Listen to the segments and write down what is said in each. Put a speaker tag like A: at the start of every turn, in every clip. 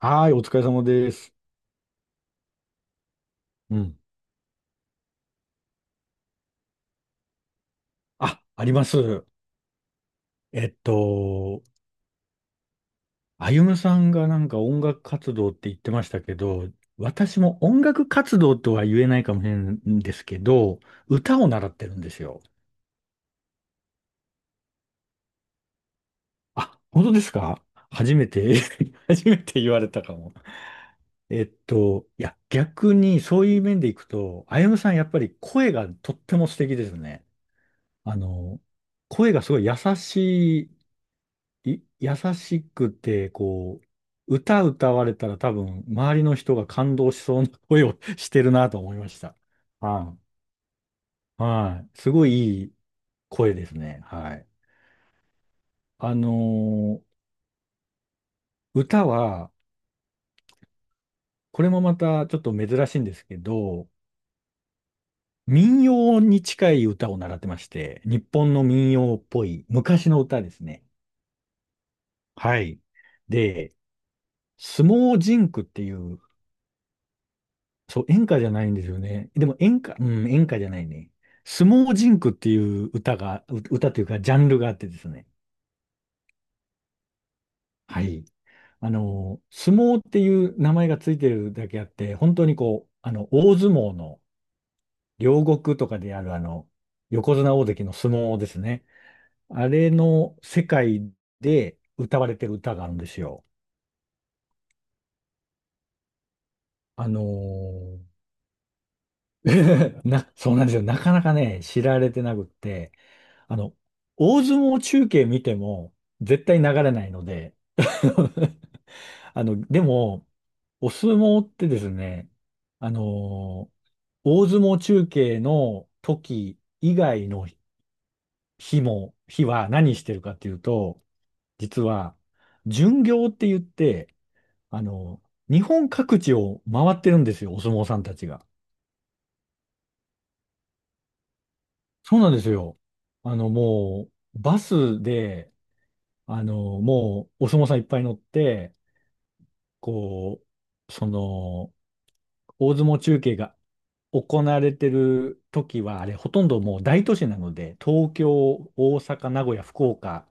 A: はーい、お疲れ様です。うん。あ、あります。えっと、あゆむさんがなんか音楽活動って言ってましたけど、私も音楽活動とは言えないかもしれないんですけど、歌を習ってるんですよ。あ、本当ですか 初めて 初めて言われたかも。いや、逆にそういう面でいくと、あゆむさんやっぱり声がとっても素敵ですね。あの、声がすごい優しくて、こう、歌歌われたら多分、周りの人が感動しそうな声を してるなと思いました。はい。はい。すごいいい声ですね。はい。あのー歌は、これもまたちょっと珍しいんですけど、民謡に近い歌を習ってまして、日本の民謡っぽい昔の歌ですね。はい。で、相撲甚句っていうそう、演歌じゃないんですよね。でも演歌、うん、演歌じゃないね。相撲甚句っていう歌が、歌というかジャンルがあってですね。はい。相撲っていう名前がついてるだけあって、本当にこう、大相撲の両国とかであるあの、横綱大関の相撲ですね。あれの世界で歌われてる歌があるんですよ。あのそうなんですよ。なかなかね、知られてなくって、あの、大相撲中継見ても絶対流れないので。 でも、お相撲ってですね、あのー大相撲中継の時以外の日も、日は何してるかっていうと、実は、巡業って言って、あの日本各地を回ってるんですよ、お相撲さんたちが。そうなんですよ。あの、もバスで、お相撲さんいっぱい乗って、こう、その、大相撲中継が行われてる時は、あれ、ほとんどもう大都市なので、東京、大阪、名古屋、福岡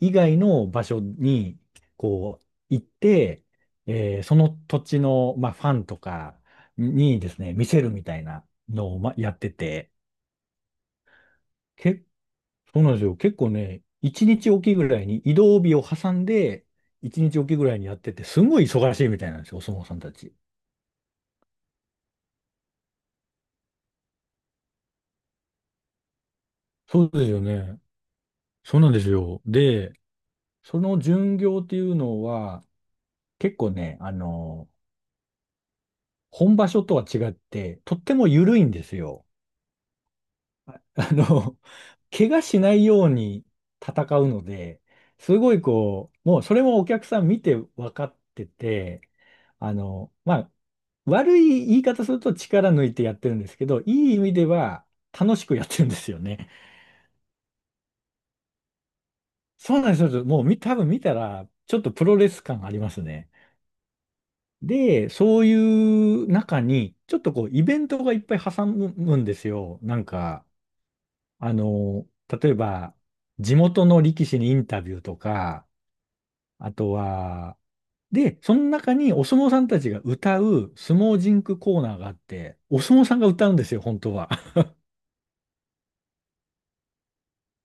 A: 以外の場所に、こう、行って、その土地の、まあ、ファンとかにですね、見せるみたいなのを、まあ、やってて、け、そうなんですよ。結構ね、一日おきぐらいに移動日を挟んで、一日おきぐらいにやってて、すごい忙しいみたいなんですよ、お相撲さんたち。そうですよね。そうなんですよ。で、その巡業っていうのは、結構ね、本場所とは違って、とっても緩いんですよ。あの、怪我しないように戦うので、すごいこう、もうそれもお客さん見て分かってて、あの、まあ、悪い言い方すると力抜いてやってるんですけど、いい意味では楽しくやってるんですよね。そうなんですよ。もうみ多分見たら、ちょっとプロレス感ありますね。で、そういう中に、ちょっとこう、イベントがいっぱい挟むんですよ。なんか、あの、例えば、地元の力士にインタビューとか、あとは、で、その中にお相撲さんたちが歌う相撲ジンクコーナーがあって、お相撲さんが歌うんですよ、本当は。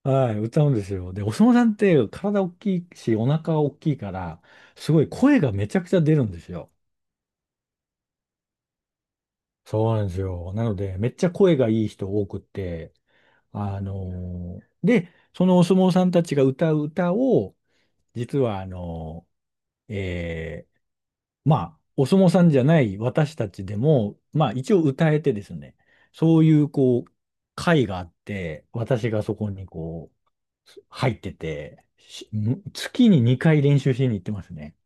A: はい、歌うんですよ。で、お相撲さんって体大きいし、お腹大きいから、すごい声がめちゃくちゃ出るんですよ。そうなんですよ。なので、めっちゃ声がいい人多くって、で、そのお相撲さんたちが歌う歌を、実はあのーえーまあ、お相撲さんじゃない私たちでも、まあ一応歌えてですね、そういうこう、会があって、私がそこにこう、入ってて、月に2回練習しに行ってますね。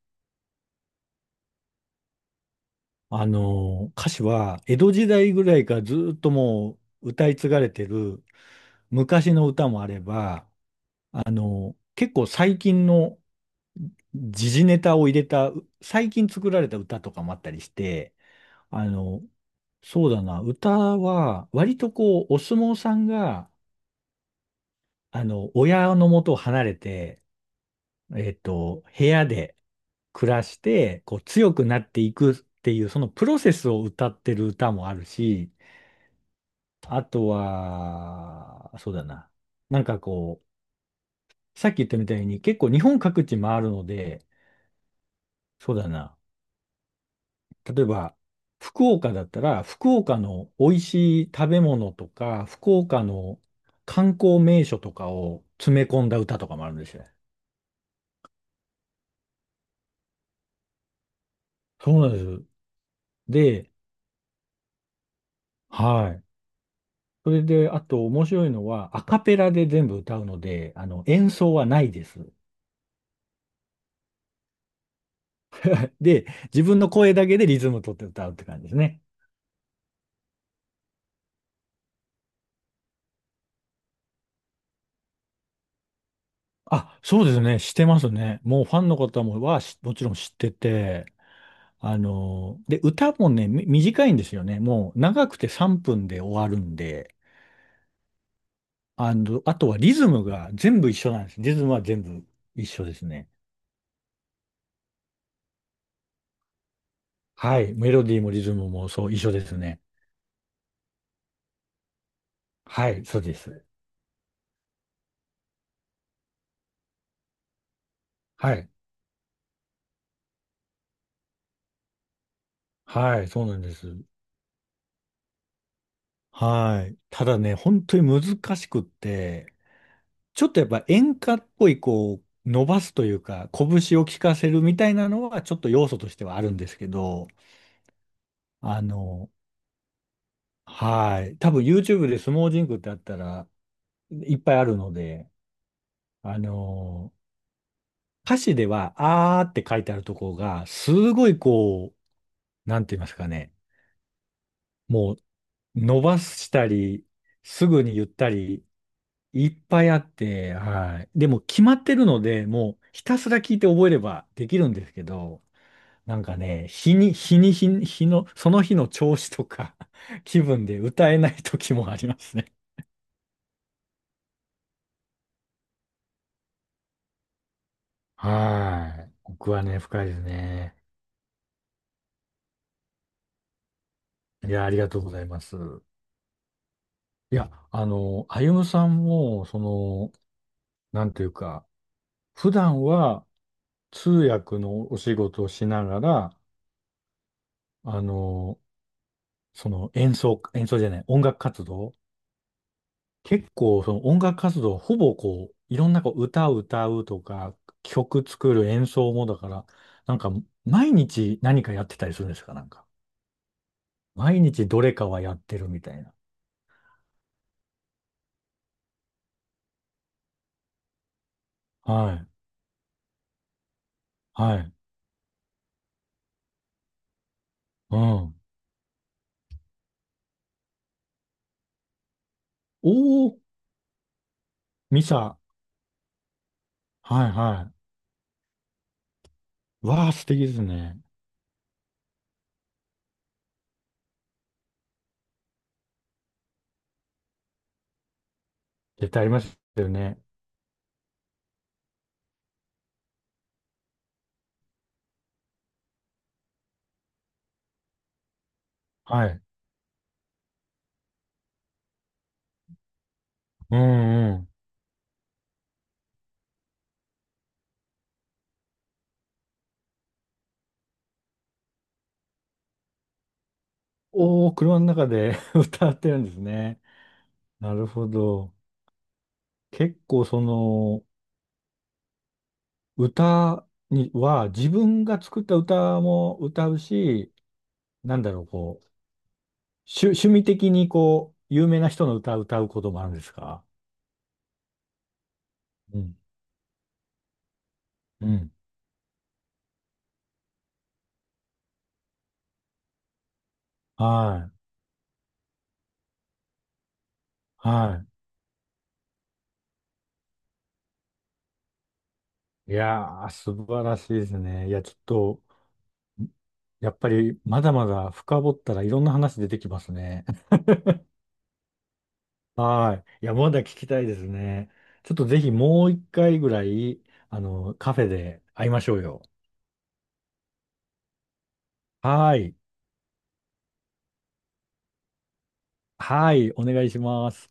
A: 歌詞は、江戸時代ぐらいからずーっともう歌い継がれてる昔の歌もあれば、結構最近の時事ネタを入れた、最近作られた歌とかもあったりして、あの、そうだな、歌は、割とこう、お相撲さんが、親の元を離れて、部屋で暮らして、こう、強くなっていくっていう、そのプロセスを歌ってる歌もあるし、あとは、そうだな、なんかこう、さっき言ったみたいに、結構日本各地回るので、そうだな、例えば、福岡だったら、福岡の美味しい食べ物とか、福岡の観光名所とかを詰め込んだ歌とかもあるんですよ。そうなんです。で、はい。それで、あと面白いのは、アカペラで全部歌うので、演奏はないです。で、自分の声だけでリズム取って歌うって感じですね。あ、そうですね。してますね。もうファンの方ももちろん知ってて、で、歌もね、短いんですよね。もう長くて3分で終わるんで、あとはリズムが全部一緒なんです。リズムは全部一緒ですね。はい。メロディーもリズムもそう、一緒ですね。はい、そうです。はい。はい、そうなんです。はい。ただね、本当に難しくって、ちょっとやっぱ演歌っぽい、こう、伸ばすというか、拳を効かせるみたいなのは、ちょっと要素としてはあるんですけど、あの、はい。多分 YouTube で相撲ジンクってあったらいっぱいあるので、あのー歌詞では、あーって書いてあるところが、すごいこう、なんて言いますかね。もう、伸ばしたり、すぐに言ったり、いっぱいあって、はい。でも、決まってるので、もう、ひたすら聞いて覚えればできるんですけど、なんかね、日の、その日の調子とか、気分で歌えない時もありますね。はい。僕はね、深いですね。いや、ありがとうございます。いや、歩夢さんも、その、なんていうか、普段は通訳のお仕事をしながら、あの、演奏じゃない、音楽活動、結構その音楽活動、ほぼこう、いろんなこう歌を歌うとか、曲作る演奏もだから、なんか、毎日何かやってたりするんですか、なんか。毎日どれかはやってるみたいな。はい。はい。うん。おお、ミサ。はいはい。わあ、素敵ですね。絶対ありますよね。はい。うんうん。おお、車の中で 歌ってるんですね。なるほど。結構その、歌には自分が作った歌も歌うし、なんだろう、こう、趣味的にこう、有名な人の歌を歌うこともあるんですか？うん。うん。はい。はい。いやー、素晴らしいですね。いや、ちょっと、やっぱりまだまだ深掘ったらいろんな話出てきますね。はい。いや、まだ聞きたいですね。ちょっとぜひもう一回ぐらい、カフェで会いましょうよ。はい。はい。お願いします。